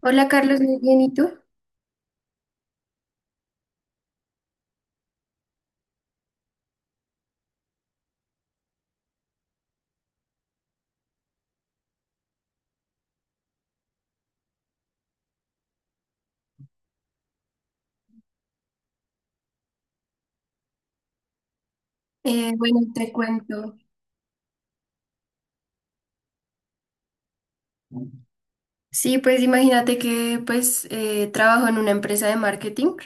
Hola Carlos, muy bien, ¿y tú? Bueno, te cuento. Sí, pues imagínate que trabajo en una empresa de marketing,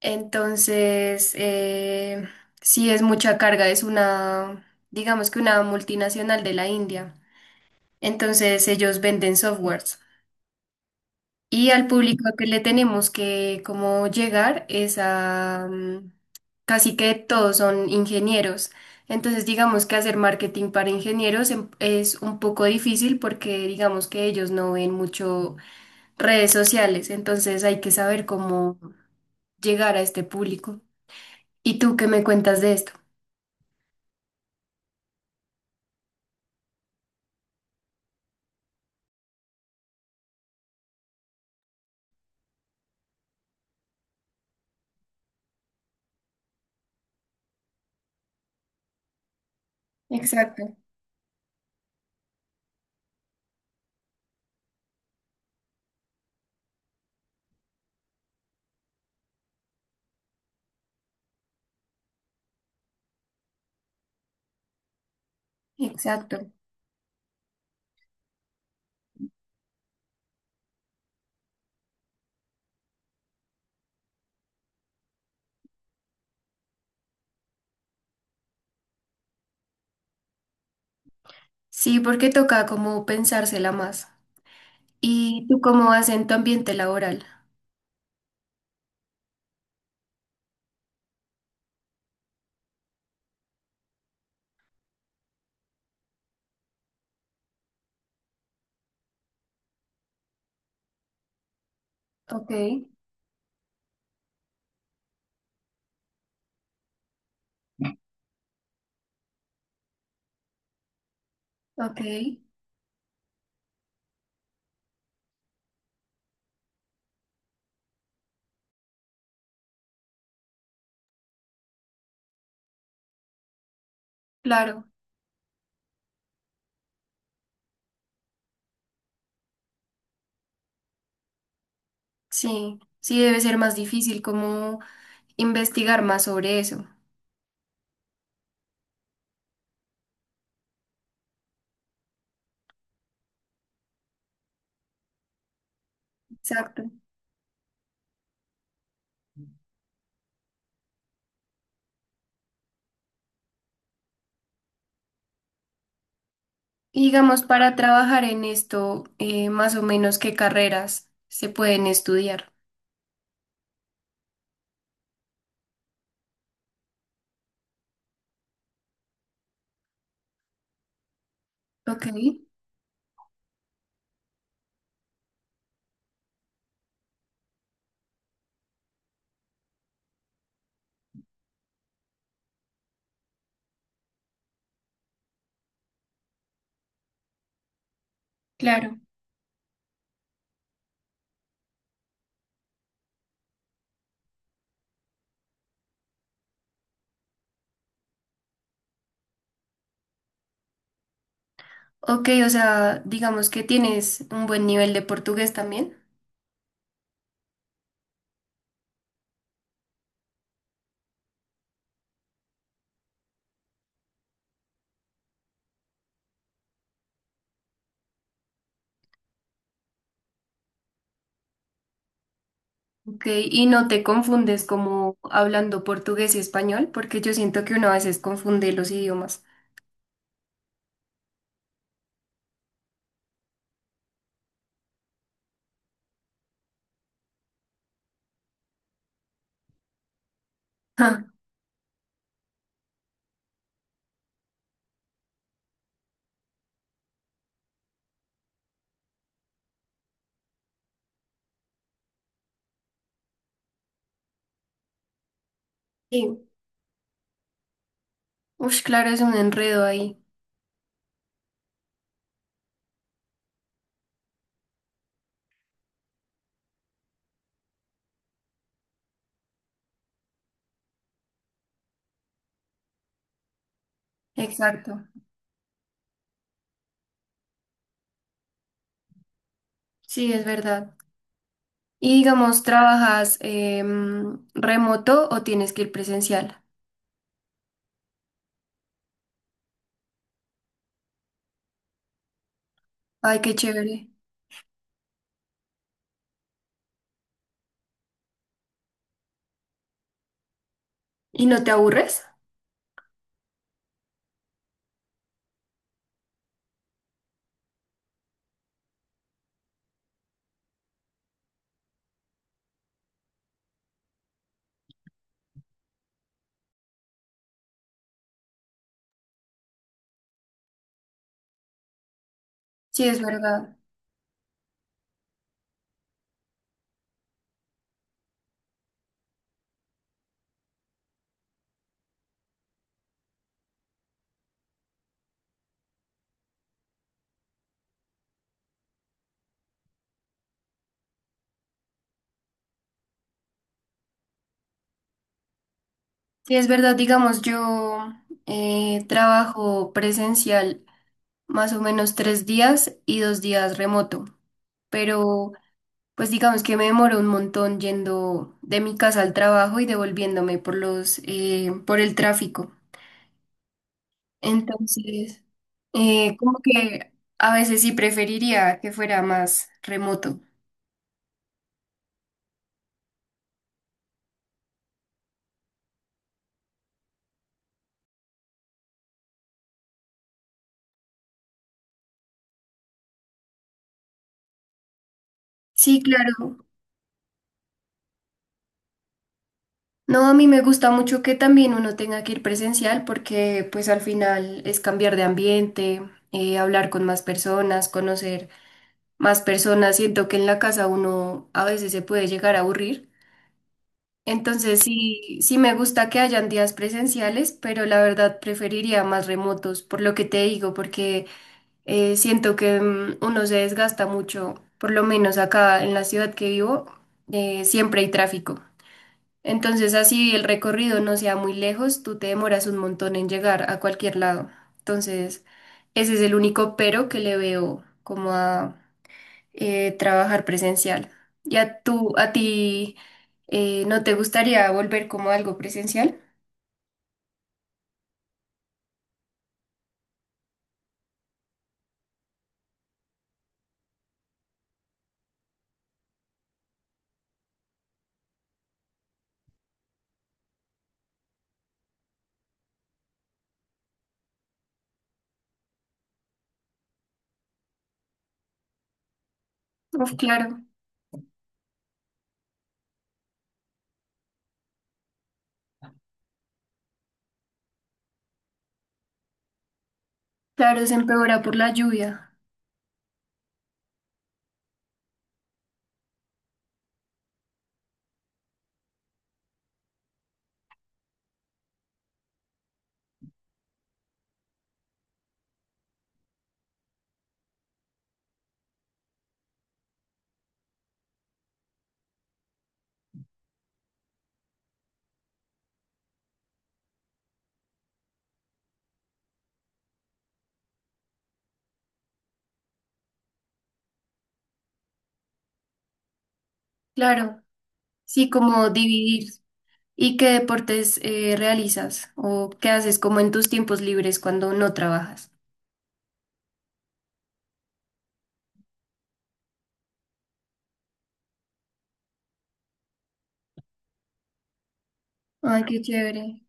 entonces sí es mucha carga, es una, digamos que una multinacional de la India. Entonces ellos venden softwares. Y al público que le tenemos que como llegar es a casi que todos son ingenieros. Entonces digamos que hacer marketing para ingenieros es un poco difícil, porque digamos que ellos no ven mucho redes sociales. Entonces hay que saber cómo llegar a este público. ¿Y tú qué me cuentas de esto? Exacto, exacto. Sí, porque toca como pensársela más. ¿Y tú cómo vas en tu ambiente laboral? Ok, ok, claro. Sí, sí debe ser más difícil como investigar más sobre eso. Exacto. Y digamos, para trabajar en esto, más o menos qué carreras se pueden estudiar. Ok, claro. Ok, o sea, digamos que tienes un buen nivel de portugués también. Ok, ¿y no te confundes como hablando portugués y español? Porque yo siento que uno a veces confunde los idiomas. Ja. Sí. Ush, claro, es un enredo ahí. Exacto. Sí, es verdad. Y digamos, ¿trabajas remoto o tienes que ir presencial? Ay, qué chévere. ¿Y no te aburres? Sí, es verdad. Sí, es verdad. Digamos, yo trabajo presencial más o menos tres días y dos días remoto. Pero, pues digamos que me demoro un montón yendo de mi casa al trabajo y devolviéndome por los, por el tráfico. Entonces, como que a veces sí preferiría que fuera más remoto. Sí, claro. No, a mí me gusta mucho que también uno tenga que ir presencial, porque pues al final es cambiar de ambiente, hablar con más personas, conocer más personas. Siento que en la casa uno a veces se puede llegar a aburrir. Entonces sí, sí me gusta que hayan días presenciales, pero la verdad preferiría más remotos, por lo que te digo, porque… siento que uno se desgasta mucho. Por lo menos acá en la ciudad que vivo, siempre hay tráfico. Entonces, así el recorrido no sea muy lejos, tú te demoras un montón en llegar a cualquier lado. Entonces, ese es el único pero que le veo como a trabajar presencial. ¿Ya tú, a ti, no te gustaría volver como algo presencial? Uf, claro, claro, se empeora por la lluvia. Claro, sí, como dividir. ¿Y qué deportes realizas o qué haces como en tus tiempos libres cuando no trabajas? Ay, qué chévere.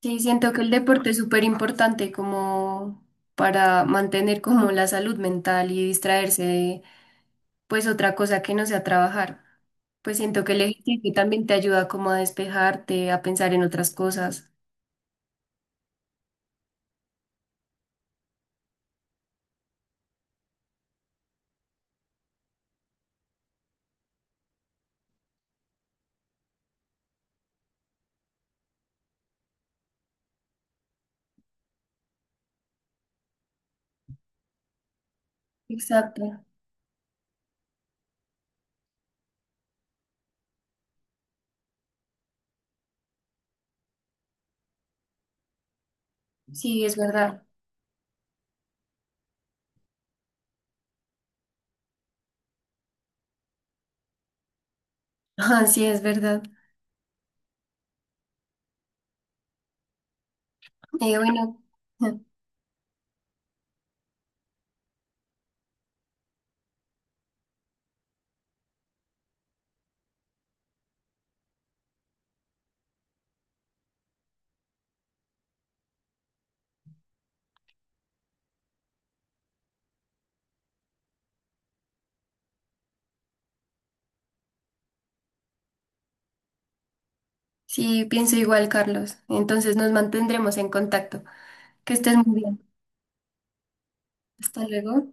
Sí, siento que el deporte es súper importante como para mantener como la salud mental y distraerse de pues otra cosa que no sea trabajar. Pues siento que el ejercicio también te ayuda como a despejarte, a pensar en otras cosas. Exacto. Sí, es verdad. Ah, sí, es verdad. Y bueno, sí, pienso igual, Carlos. Entonces nos mantendremos en contacto. Que estés muy bien. Hasta luego.